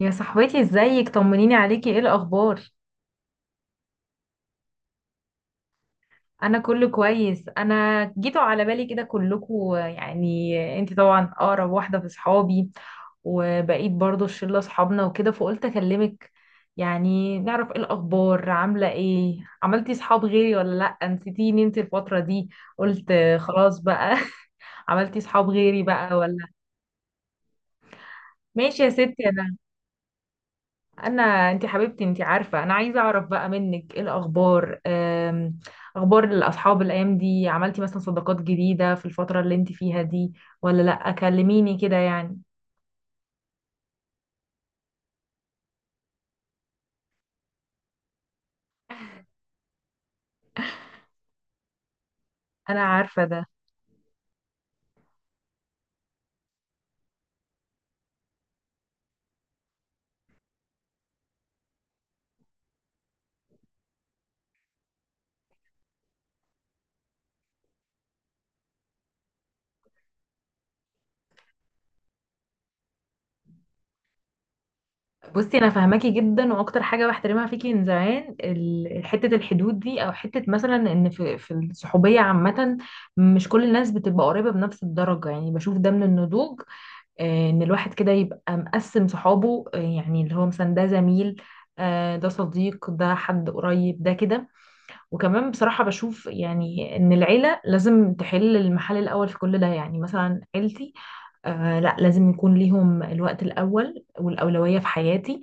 يا صاحبتي، ازيك؟ طمنيني عليكي، ايه الاخبار؟ انا كله كويس. انا جيتوا على بالي كده كلكوا، يعني انت طبعا اقرب واحده في صحابي، وبقيت برضو الشله اصحابنا وكده، فقلت اكلمك يعني نعرف ايه الاخبار، عامله ايه، عملتي صحاب غيري ولا لا، نسيتيني انت الفتره دي؟ قلت خلاص بقى. عملتي صحاب غيري بقى ولا؟ ماشي يا ستي. انا. انا انت حبيبتي، انت عارفه انا عايزه اعرف بقى منك ايه الاخبار، اخبار الاصحاب الايام دي، عملتي مثلا صداقات جديده في الفتره اللي انت فيها دي ولا لا؟ كلميني كده يعني. انا عارفه ده. بصي، انا فاهماكي جدا، واكتر حاجه بحترمها فيكي من زمان حته الحدود دي، او حته مثلا ان في الصحوبيه عامه، مش كل الناس بتبقى قريبه بنفس الدرجه. يعني بشوف ده من النضوج، ان الواحد كده يبقى مقسم صحابه، يعني اللي هو مثلا ده زميل، ده صديق، ده حد قريب، ده كده. وكمان بصراحة بشوف يعني ان العيلة لازم تحل المحل الاول في كل ده. يعني مثلا عيلتي، لا، لازم يكون ليهم الوقت الاول والاولوية في حياتي.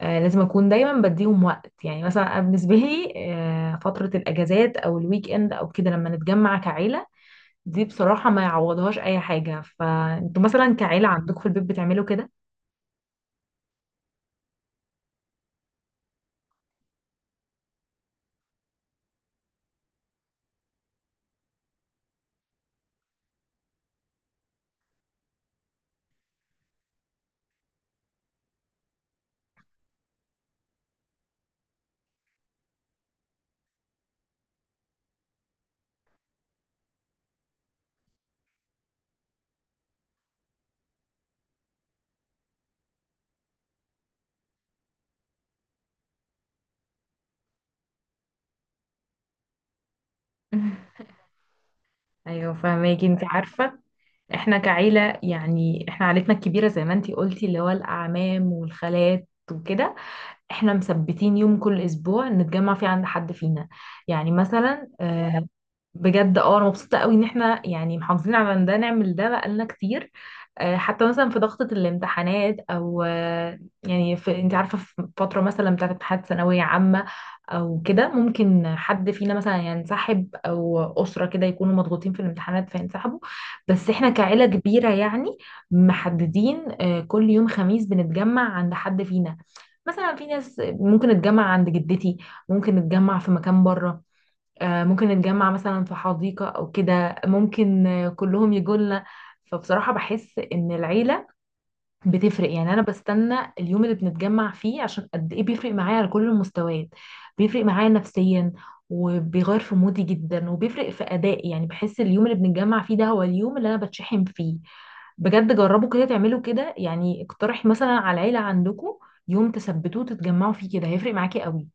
لازم اكون دايما بديهم وقت. يعني مثلا بالنسبة لي، فترة الاجازات او الويك اند او كده لما نتجمع كعيلة، دي بصراحة ما يعوضهاش اي حاجة. فانتوا مثلا كعيلة عندكم في البيت بتعملوا كده؟ ايوه، فهماكي، انت عارفه. احنا كعيله يعني، احنا عيلتنا الكبيره زي ما انت قلتي اللي هو الاعمام والخالات وكده، احنا مثبتين يوم كل اسبوع نتجمع فيه عند حد فينا، يعني مثلا بجد، اه، انا مبسوطه قوي ان احنا يعني محافظين على إن ده، نعمل ده بقالنا كتير، حتى مثلا في ضغطه الامتحانات، او يعني، في، انت عارفه، في فتره مثلا بتاعت امتحانات ثانويه عامه او كده، ممكن حد فينا مثلا ينسحب، او اسره كده يكونوا مضغوطين في الامتحانات فينسحبوا. بس احنا كعيله كبيره يعني، محددين كل يوم خميس بنتجمع عند حد فينا. مثلا في ناس ممكن نتجمع عند جدتي، ممكن نتجمع في مكان بره، ممكن نتجمع مثلا في حديقة أو كده، ممكن كلهم يجولنا. فبصراحة بحس إن العيلة بتفرق يعني. أنا بستنى اليوم اللي بنتجمع فيه، عشان قد إيه بيفرق معايا على كل المستويات. بيفرق معايا نفسيا، وبيغير في مودي جدا، وبيفرق في أدائي. يعني بحس اليوم اللي بنتجمع فيه ده هو اليوم اللي أنا بتشحن فيه. بجد جربوا كده، تعملوا كده يعني. اقترحي مثلا على العيلة عندكم يوم تثبتوه تتجمعوا فيه، كده هيفرق معاكي قوي.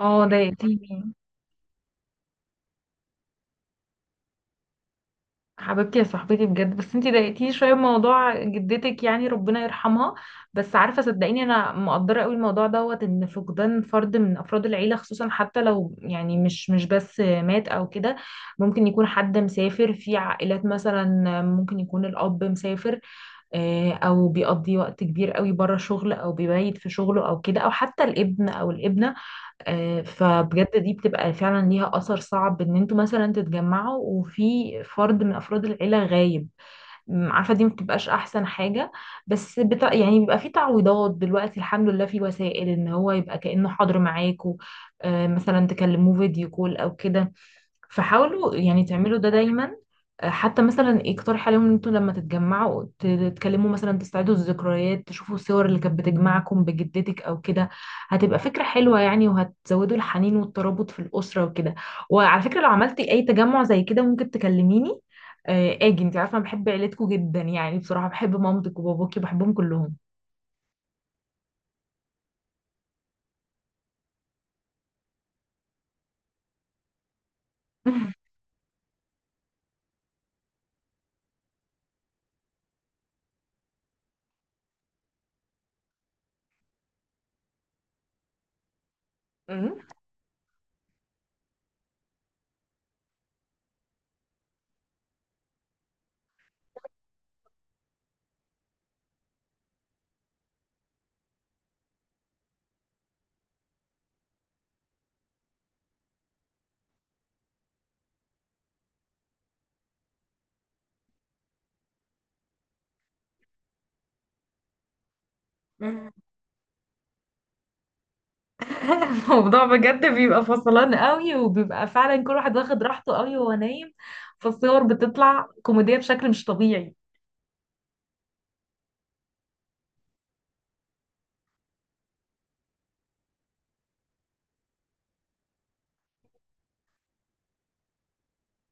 اه، ده، حبيبتي يا صاحبتي بجد. بس انتي ضايقتيني شويه بموضوع جدتك، يعني ربنا يرحمها. بس عارفه، صدقيني، انا مقدره قوي الموضوع دوت، ان فقدان فرد من افراد العيله خصوصا، حتى لو يعني مش بس مات او كده. ممكن يكون حد مسافر، في عائلات مثلا ممكن يكون الاب مسافر، او بيقضي وقت كبير قوي بره شغل، او بيبيت في شغله او كده، او حتى الابن او الابنه. فبجد دي بتبقى فعلا ليها أثر صعب، إن انتوا مثلا تتجمعوا وفي فرد من أفراد العيلة غايب. عارفة دي مبتبقاش أحسن حاجة. بس يعني بيبقى في تعويضات دلوقتي، الحمد لله، في وسائل إن هو يبقى كأنه حاضر معاكوا. مثلا تكلموه فيديو كول أو كده. فحاولوا يعني تعملوا ده دايما. حتى مثلا اقترح عليهم ان انتوا لما تتجمعوا تتكلموا مثلا، تستعيدوا الذكريات، تشوفوا الصور اللي كانت بتجمعكم بجدتك او كده. هتبقى فكرة حلوة يعني، وهتزودوا الحنين والترابط في الأسرة وكده. وعلى فكرة، لو عملتي اي تجمع زي كده ممكن تكلميني، اجي، انت عارفة أنا بحب عيلتكم جدا. يعني بصراحة بحب مامتك وباباكي، بحبهم كلهم. أمم. الموضوع بجد بيبقى فصلان قوي، وبيبقى فعلا كل واحد واخد راحته قوي وهو نايم. فالصور بتطلع كوميدية بشكل مش طبيعي.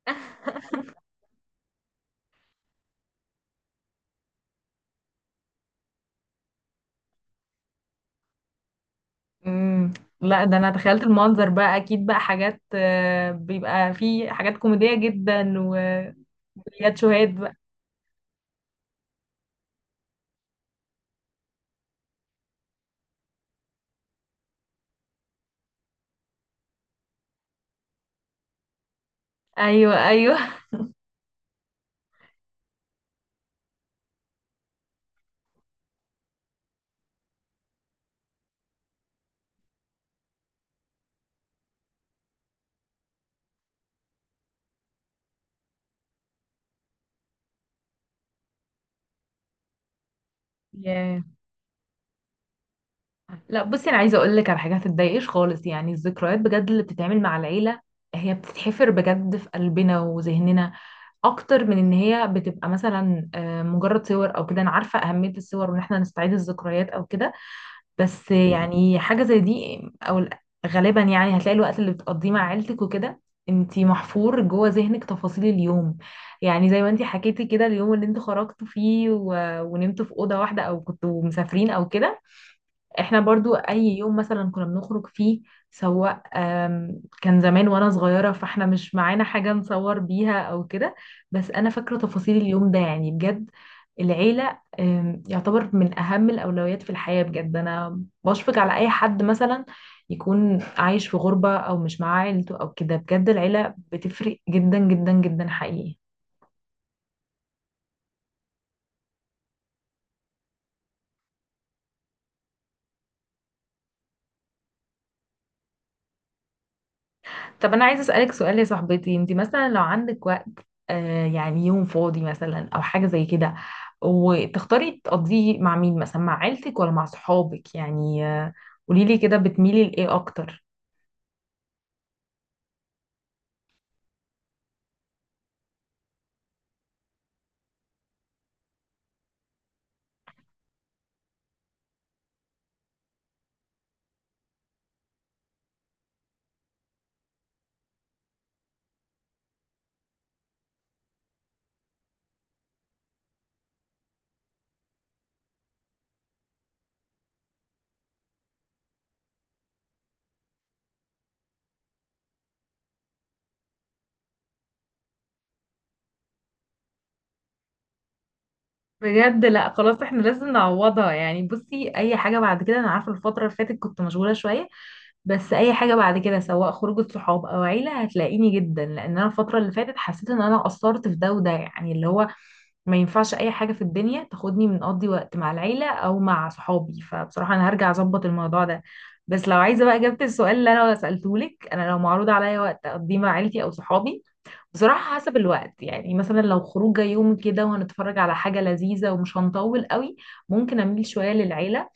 امم لا، ده انا تخيلت المنظر بقى، اكيد بقى حاجات، بيبقى فيه حاجات كوميدية جدا وياد شوهاد بقى. ايوه، ايوه. لا، بصي، انا عايزه اقول لك على حاجه: هتتضايقش خالص. يعني الذكريات بجد اللي بتتعمل مع العيله، هي بتتحفر بجد في قلبنا وذهننا، اكتر من ان هي بتبقى مثلا مجرد صور او كده. انا عارفه اهميه الصور، وان احنا نستعيد الذكريات او كده. بس يعني حاجه زي دي او غالبا يعني هتلاقي الوقت اللي بتقضيه مع عيلتك وكده، انتي محفور جوه ذهنك تفاصيل اليوم. يعني زي ما انتي حكيتي كده، اليوم اللي انتوا خرجتوا فيه ونمتوا في اوضه واحده، او كنتوا مسافرين او كده. احنا برضو اي يوم مثلا كنا بنخرج فيه، سواء كان زمان وانا صغيرة، فاحنا مش معانا حاجة نصور بيها او كده، بس انا فاكرة تفاصيل اليوم ده، يعني بجد. العيلة يعتبر من اهم الاولويات في الحياة بجد. انا بشفق على اي حد مثلا يكون عايش في غربة، او مش معاه عيلته او كده. بجد العيلة بتفرق جدا جدا جدا، حقيقي. طب انا عايزه اسالك سؤال، يا صاحبتي. انت مثلا لو عندك وقت، يعني يوم فاضي مثلا، او حاجه زي كده، وتختاري تقضيه مع مين؟ مثلا مع عيلتك ولا مع صحابك؟ يعني قوليلي كده بتميلي لايه اكتر. بجد، لا، خلاص احنا لازم نعوضها. يعني بصي، اي حاجه بعد كده، انا عارفه الفتره اللي فاتت كنت مشغوله شويه، بس اي حاجه بعد كده سواء خروجه صحاب او عيله هتلاقيني جدا، لان انا الفتره اللي فاتت حسيت ان انا قصرت في ده وده، يعني اللي هو ما ينفعش اي حاجه في الدنيا تاخدني من اقضي وقت مع العيله او مع صحابي. فبصراحه انا هرجع اظبط الموضوع ده. بس لو عايزه بقى اجابه السؤال اللي انا سالته لك، انا لو معروض عليا وقت اقضيه مع عيلتي او صحابي، بصراحة حسب الوقت. يعني مثلا لو خروجة يوم كده، وهنتفرج على حاجة لذيذة، ومش هنطول قوي، ممكن أميل شوية للعيلة،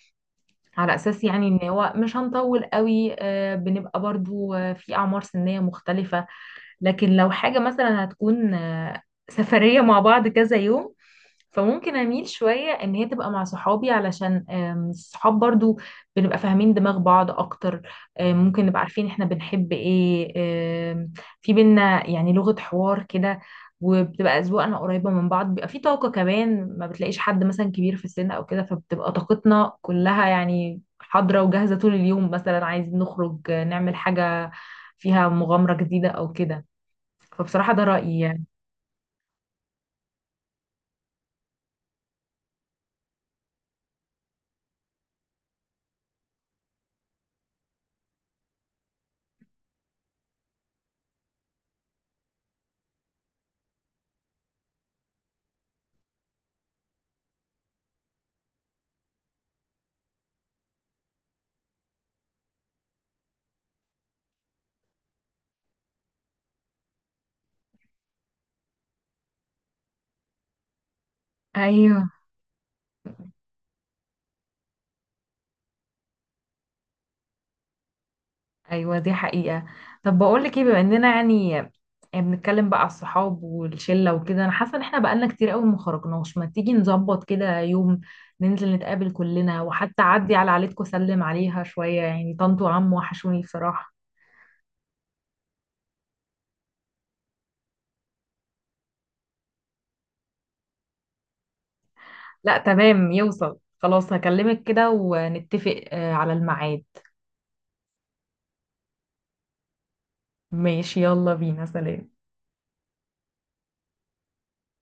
على أساس يعني إن هو مش هنطول قوي. بنبقى برضو في أعمار سنية مختلفة. لكن لو حاجة مثلا هتكون سفرية مع بعض كذا يوم، فممكن اميل شويه ان هي تبقى مع صحابي، علشان الصحاب برضو بنبقى فاهمين دماغ بعض اكتر، ممكن نبقى عارفين احنا بنحب ايه، آم، في بينا يعني لغه حوار كده، وبتبقى اذواقنا قريبه من بعض. بيبقى في طاقه كمان، ما بتلاقيش حد مثلا كبير في السن او كده، فبتبقى طاقتنا كلها يعني حاضره وجاهزه طول اليوم، مثلا عايزين نخرج نعمل حاجه فيها مغامره جديده او كده. فبصراحه ده رايي يعني. ايوه، ايوه، دي حقيقة. طب بقول لك ايه؟ بما اننا يعني بنتكلم بقى على الصحاب والشلة وكده، انا حاسة ان احنا بقالنا كتير قوي ما خرجناش. ما تيجي نظبط كده يوم ننزل نتقابل كلنا، وحتى اعدي على عيلتكم اسلم عليها شوية، يعني طنط وعم وحشوني بصراحة. لا، تمام، يوصل خلاص. هكلمك كده ونتفق على الميعاد. ماشي، يلا بينا، سلام.